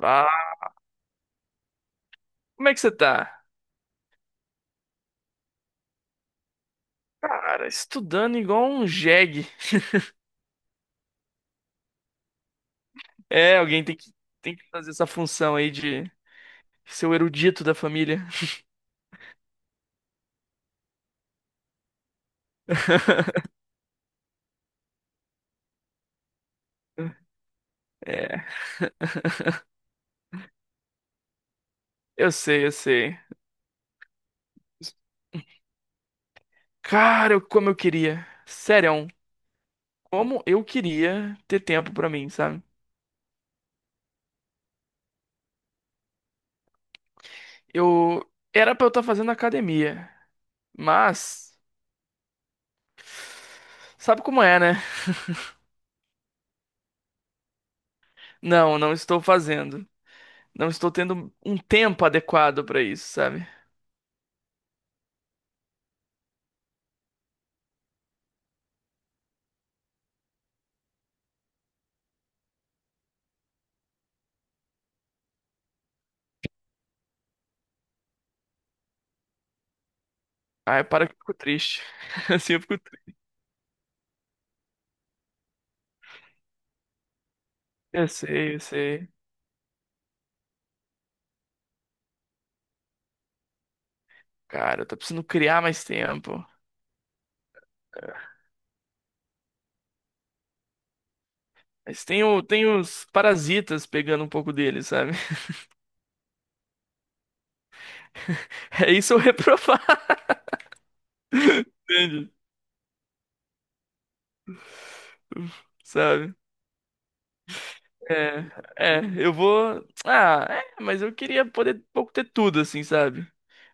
Ah, como é que você tá? Cara, estudando igual um jegue. É, alguém tem que fazer essa função aí de ser o erudito da família. É, eu sei, eu sei. Cara, como eu queria. Sério, como eu queria ter tempo pra mim, sabe? Eu era pra eu estar fazendo academia, mas sabe como é, né? Não, não estou fazendo. Não estou tendo um tempo adequado pra isso, sabe? Aí para que eu fico triste. Assim eu fico triste. Eu sei, eu sei. Cara, eu tô precisando criar mais tempo. Mas tem os parasitas pegando um pouco dele, sabe? É isso eu reprovar, entende? Sabe? É, eu vou. Ah, é, mas eu queria poder um pouco ter tudo, assim, sabe?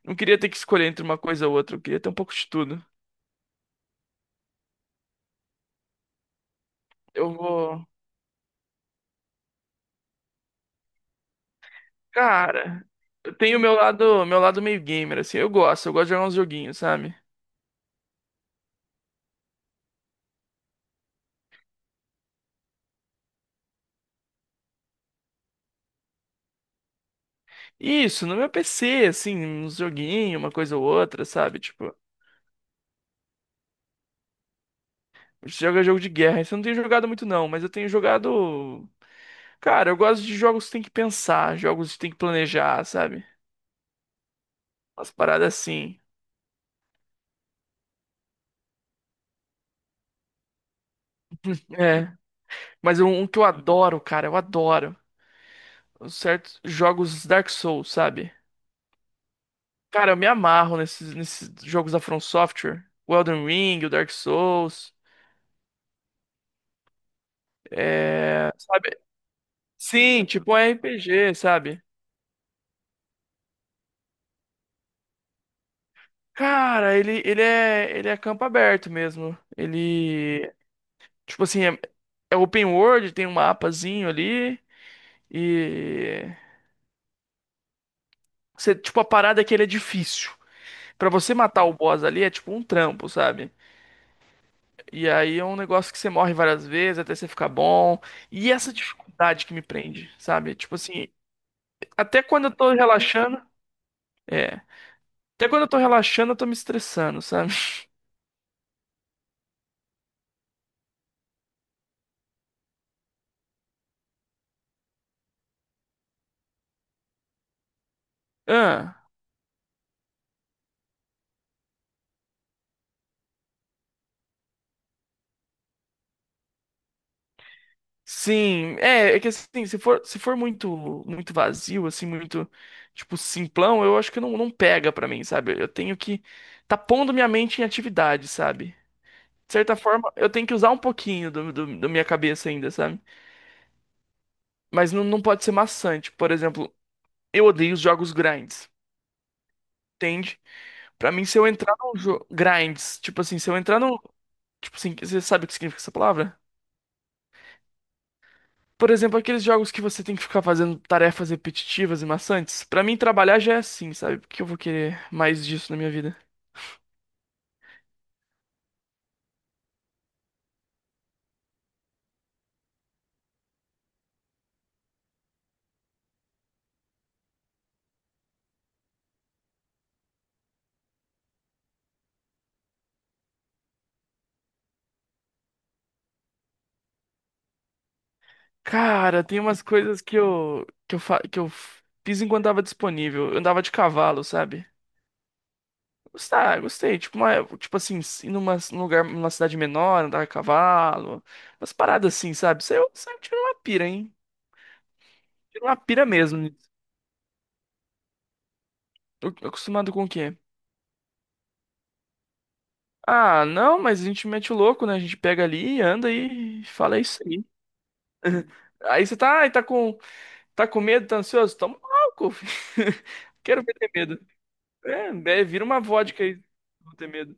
Não queria ter que escolher entre uma coisa ou outra, eu queria ter um pouco de tudo. Eu vou. Cara, eu tenho meu lado meio gamer, assim, eu gosto de jogar uns joguinhos, sabe? Isso, no meu PC, assim, uns joguinhos, uma coisa ou outra, sabe? Tipo, a gente joga jogo de guerra. Isso eu não tenho jogado muito, não, mas eu tenho jogado. Cara, eu gosto de jogos que tem que pensar, jogos que tem que planejar, sabe? Umas paradas assim. É. Mas um que eu adoro, cara, eu adoro. Os certos jogos Dark Souls, sabe? Cara, eu me amarro nesses jogos da From Software. O Elden Ring, o Dark Souls, sabe? Sim, tipo um RPG, sabe? Cara, ele é campo aberto mesmo. Ele, tipo assim, é open world, tem um mapazinho ali e você, tipo, a parada é que ele é difícil. Pra você matar o boss ali é tipo um trampo, sabe? E aí é um negócio que você morre várias vezes até você ficar bom. E essa dificuldade que me prende, sabe? Tipo assim, até quando eu tô relaxando, é, até quando eu tô relaxando, eu tô me estressando, sabe? Ah. Sim, é que assim, se for muito muito vazio, assim, muito, tipo, simplão, eu acho que não, não pega pra mim, sabe? Eu tenho que tá pondo minha mente em atividade, sabe? De certa forma, eu tenho que usar um pouquinho da minha cabeça ainda, sabe? Mas não, não pode ser maçante. Por exemplo, eu odeio os jogos grinds, entende? Pra mim, se eu entrar num jogo. Grinds, tipo assim, se eu entrar num. Tipo assim, você sabe o que significa essa palavra? Por exemplo, aqueles jogos que você tem que ficar fazendo tarefas repetitivas e maçantes. Pra mim, trabalhar já é assim, sabe? Porque eu vou querer mais disso na minha vida. Cara, tem umas coisas que eu fiz enquanto tava disponível. Eu andava de cavalo, sabe? Gostar, gostei. Tipo, tipo assim, ir num lugar, numa cidade menor, andar a cavalo. Umas paradas assim, sabe? Isso aí eu tiro uma pira, hein? Tiro uma pira mesmo nisso. Eu acostumado com o quê? Ah, não, mas a gente mete o louco, né? A gente pega ali, anda e fala "É isso aí. Aí você tá com medo, tá ansioso? Toma um álcool, filho. Quero ver ter medo. É, vira uma vodka aí, não ter medo.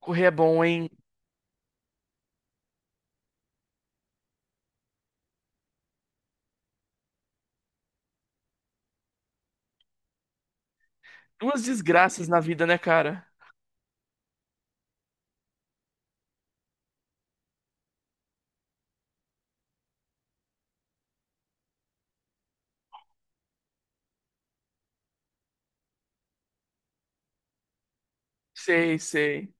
Correr é bom, hein? Duas desgraças na vida, né, cara? Sei, sei.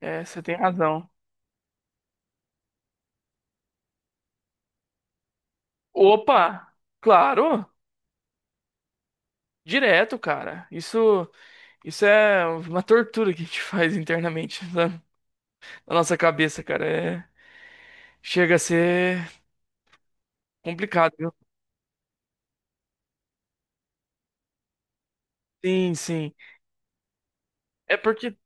É, você tem razão. Opa! Claro! Direto, cara. Isso, isso é uma tortura que a gente faz internamente na nossa cabeça, cara. É, chega a ser complicado, viu? Sim, sim. É porque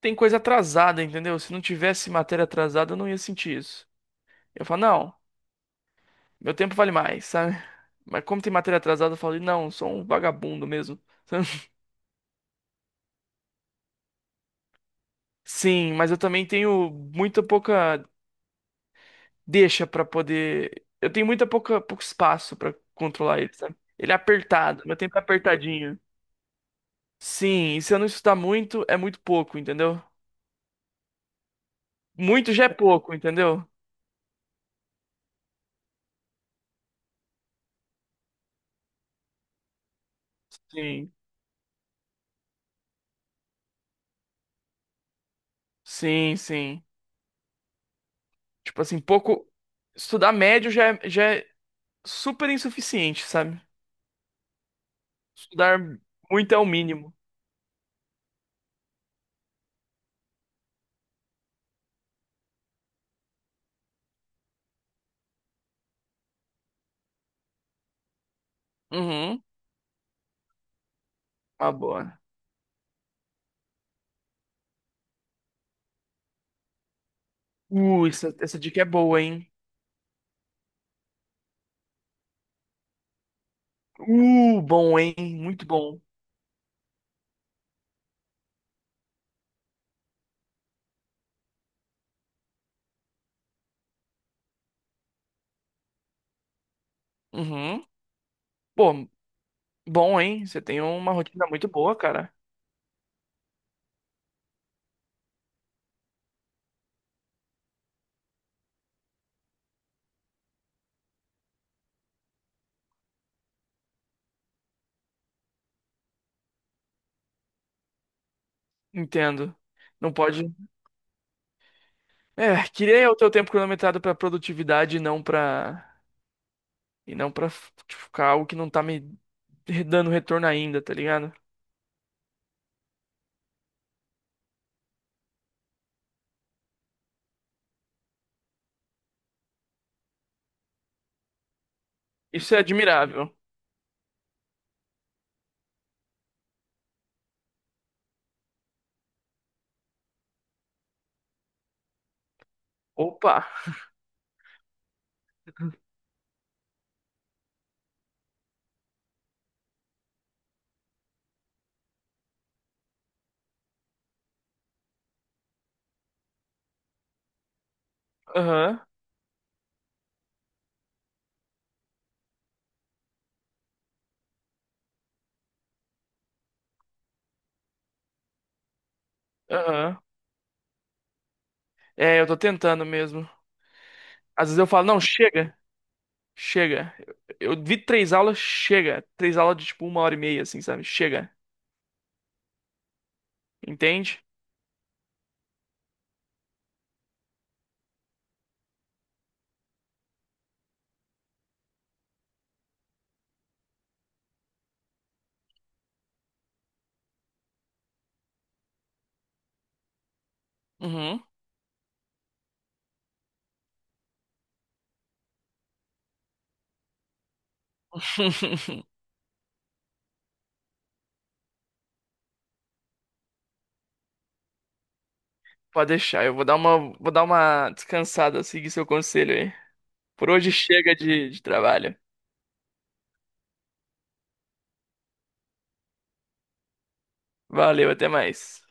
tem coisa atrasada, entendeu? Se não tivesse matéria atrasada, eu não ia sentir isso. Eu falo, não, meu tempo vale mais, sabe? Mas como tem matéria atrasada, eu falo, não, sou um vagabundo mesmo. Sabe? Sim, mas eu também tenho muita pouca deixa pra poder. Eu tenho muita pouca pouco espaço pra controlar ele, sabe? Ele é apertado, meu tempo é apertadinho. Sim, e se eu não estudar muito, é muito pouco, entendeu? Muito já é pouco, entendeu? Sim, sim, sim. Tipo assim, pouco. Estudar médio já é super insuficiente, sabe? Estudar muito é o mínimo. Uhum. Uma boa. Essa dica é boa, hein? Bom, hein? Muito bom. Uhum. Pô, bom, hein? Você tem uma rotina muito boa, cara. Entendo. Não pode. É, queria o teu tempo cronometrado pra produtividade e não pra. E não pra tipo, ficar algo que não tá me dando retorno ainda, tá ligado? Isso é admirável. Opa! Aham, aham. É, eu tô tentando mesmo. Às vezes eu falo, não, chega, chega. Eu vi três aulas, chega. Três aulas de tipo uma hora e meia, assim, sabe? Chega. Entende? Uhum. Pode deixar, eu vou dar uma descansada, seguir seu conselho aí. Por hoje chega de trabalho. Valeu, até mais.